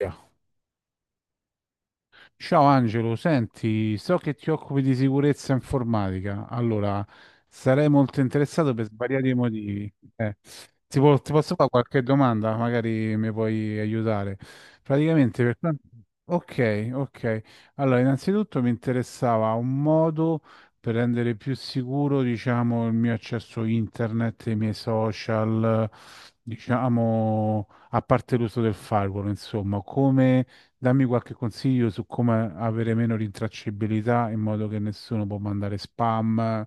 Yeah. Ciao Angelo, senti, so che ti occupi di sicurezza informatica, allora sarei molto interessato per svariati motivi. Eh, ti posso fare qualche domanda? Magari mi puoi aiutare. Praticamente, ok, ok. Allora, innanzitutto mi interessava un modo per rendere più sicuro, diciamo, il mio accesso internet, i miei social, diciamo, a parte l'uso del firewall, insomma, come. Dammi qualche consiglio su come avere meno rintracciabilità in modo che nessuno può mandare spam,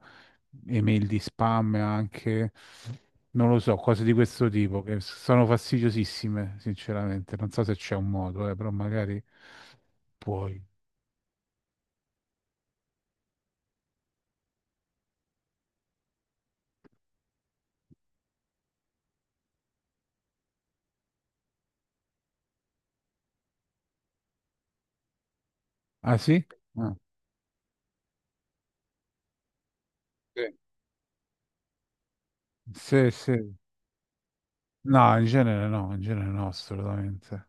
email di spam anche, non lo so, cose di questo tipo che sono fastidiosissime, sinceramente. Non so se c'è un modo, però magari puoi. Ah sì? Ah. Sì. Sì, sì. No, in genere no, in genere no, assolutamente.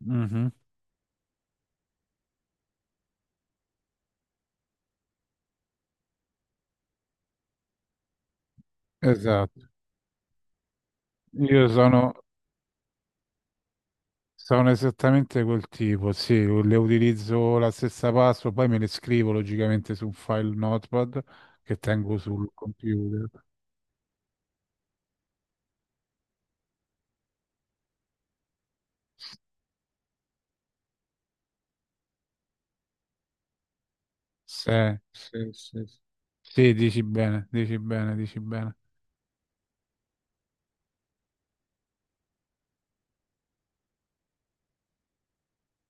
Mhm. Esatto. Io sono Sono esattamente quel tipo, sì, le utilizzo la stessa password, poi me le scrivo logicamente su un file Notepad che tengo sul computer. Sì, sì, sì. Sì, sì, dici bene, dici bene, dici bene.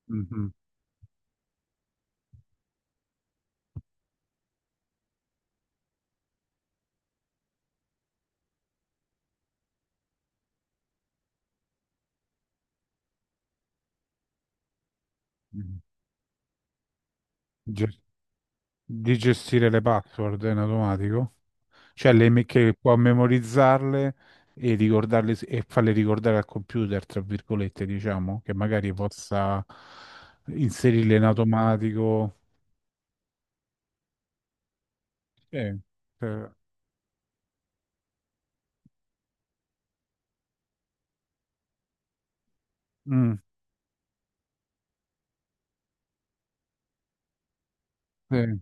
Mhm, mhm. Ge- Di gestire le password in automatico, cioè che può memorizzarle e ricordarle e farle ricordare al computer, tra virgolette, diciamo, che magari possa inserirle in automatico. Sì. Cioè, mm, sì.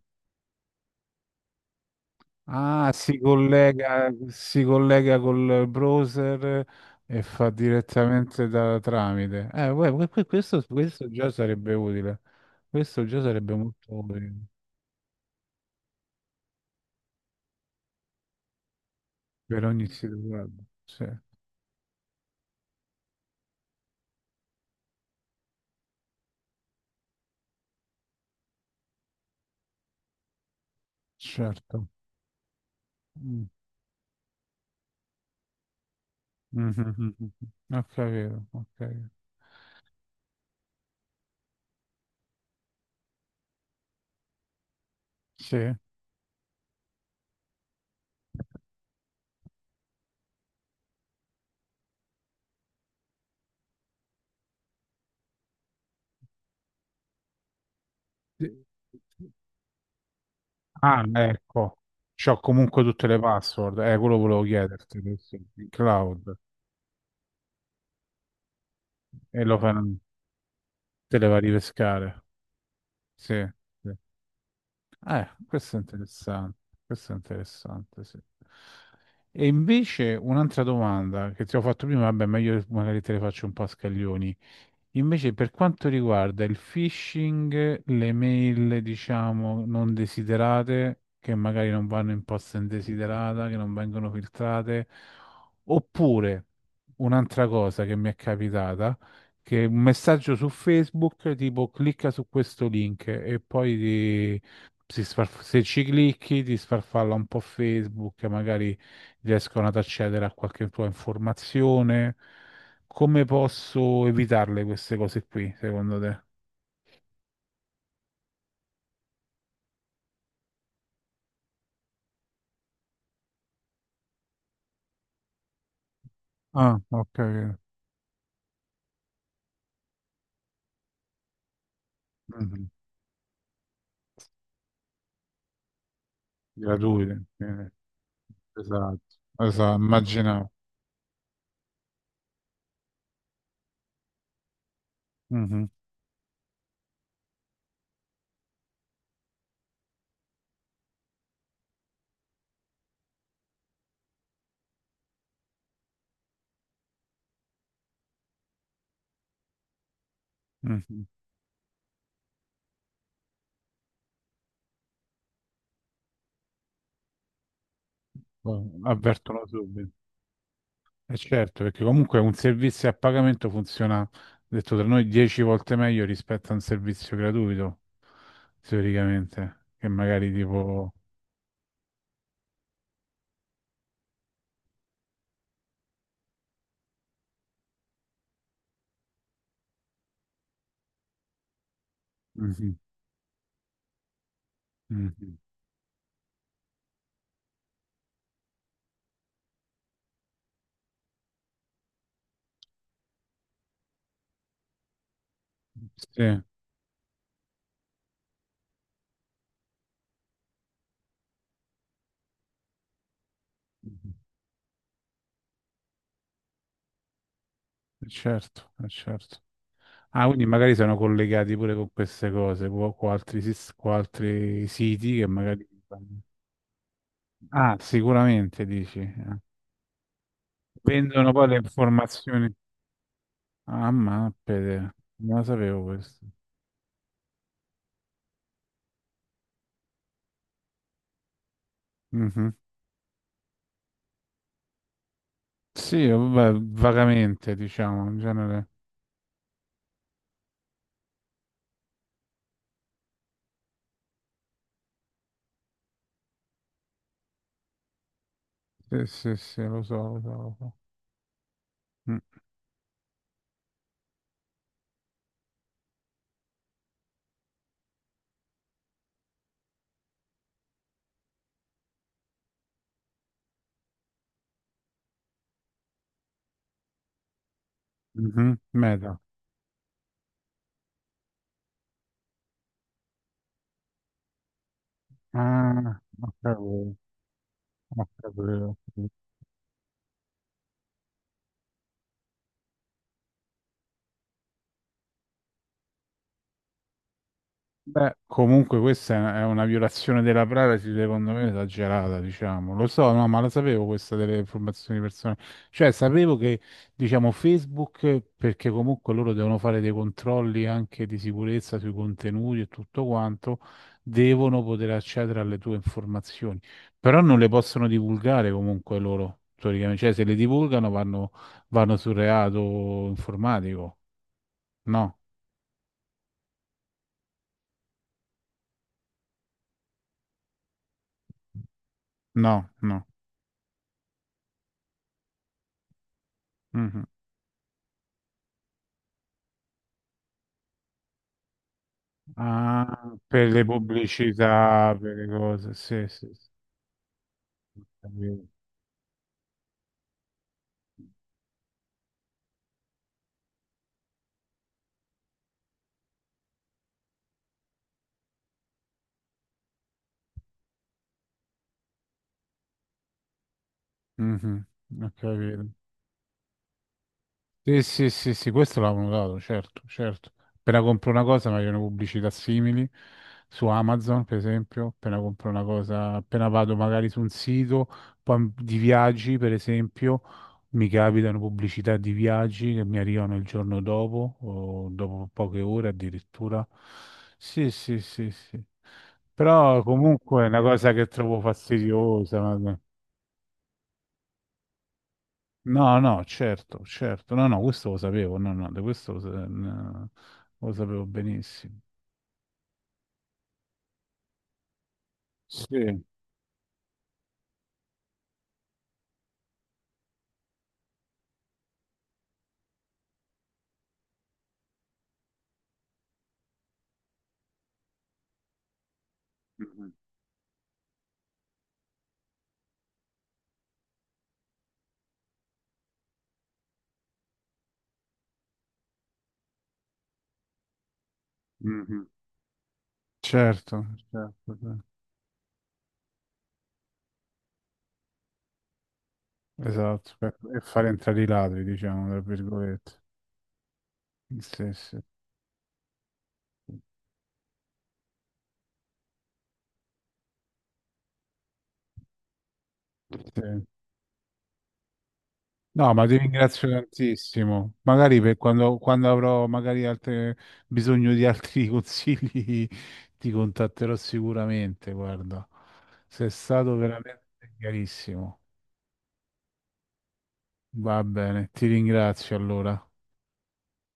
Ah, si collega col browser e fa direttamente da tramite. Uè, questo, questo già sarebbe utile. Questo già sarebbe molto utile per ogni situazione. Sì, certo. Mm. Mhm. Ho capito, ho capito. Sì. Sì. Ah, ecco. C'ho comunque tutte le password. Quello volevo chiederti. Questo. Il cloud. E lo fai. Te le va a ripescare. Sì, sì. Questo è interessante. Questo è interessante, sì. E invece un'altra domanda che ti ho fatto prima, vabbè, meglio magari te le faccio un po' a scaglioni. Invece, per quanto riguarda il phishing, le mail, diciamo, non desiderate, che magari non vanno in posta indesiderata, che non vengono filtrate, oppure un'altra cosa che mi è capitata, che è un messaggio su Facebook tipo clicca su questo link e poi se ci clicchi ti sfarfalla un po' Facebook, magari riescono ad accedere a qualche tua informazione, come posso evitarle queste cose qui, secondo te? Ah, ok. Mhm. Gratuite, esatto. Esatto, immaginavo. Mhm, mhm. Poi avvertono subito. E certo, perché comunque un servizio a pagamento funziona, detto tra noi, 10 volte meglio rispetto a un servizio gratuito, teoricamente, che magari tipo... Mhm, mhm. Sì, mhm. Certo, certo. Ah, quindi magari sono collegati pure con queste cose, con altri, con altri siti che magari... Ah, sicuramente dici. Eh. Vendono poi le informazioni. Ah, ma pede, non lo sapevo questo. Mhm. Sì, vabbè, vagamente, diciamo, in genere. Sì, sì, sì, lo so, lo so, lo so. Mm, mhm, Meta. Ah, ho capito, ho capito. Beh, comunque questa è una violazione della privacy, secondo me, esagerata, diciamo. Lo so, no, ma la sapevo questa delle informazioni personali. Cioè, sapevo che, diciamo, Facebook, perché comunque loro devono fare dei controlli anche di sicurezza sui contenuti e tutto quanto, devono poter accedere alle tue informazioni. Però non le possono divulgare comunque loro, teoricamente. Cioè, se le divulgano vanno, vanno sul reato informatico. No, no, no. Mhm. Ah, per le pubblicità, per le cose, sì, sì, sì. Ho capito. Mhm, ho capito. Sì, sì, sì, sì, questo l'avevo notato, certo, certo. Appena compro una cosa mi arrivano pubblicità simili su Amazon, per esempio, appena compro una cosa, appena vado magari su un sito poi di viaggi, per esempio, mi capitano pubblicità di viaggi che mi arrivano il giorno dopo o dopo poche ore addirittura. Sì, sì, sì, sì. Però comunque è una cosa che trovo fastidiosa. No, no, certo, certo, no, no, questo lo sapevo, no, no, di questo no, lo sapevo benissimo. Sì, mhm, mhm. Certo, certo, sì. Esatto, e far entrare i ladri, diciamo, tra virgolette. Sì, sì, sì. Sì. No, ma ti ringrazio tantissimo. Magari per quando avrò magari bisogno di altri consigli, ti contatterò sicuramente, guarda. Sei stato veramente chiarissimo. Va bene, ti ringrazio allora.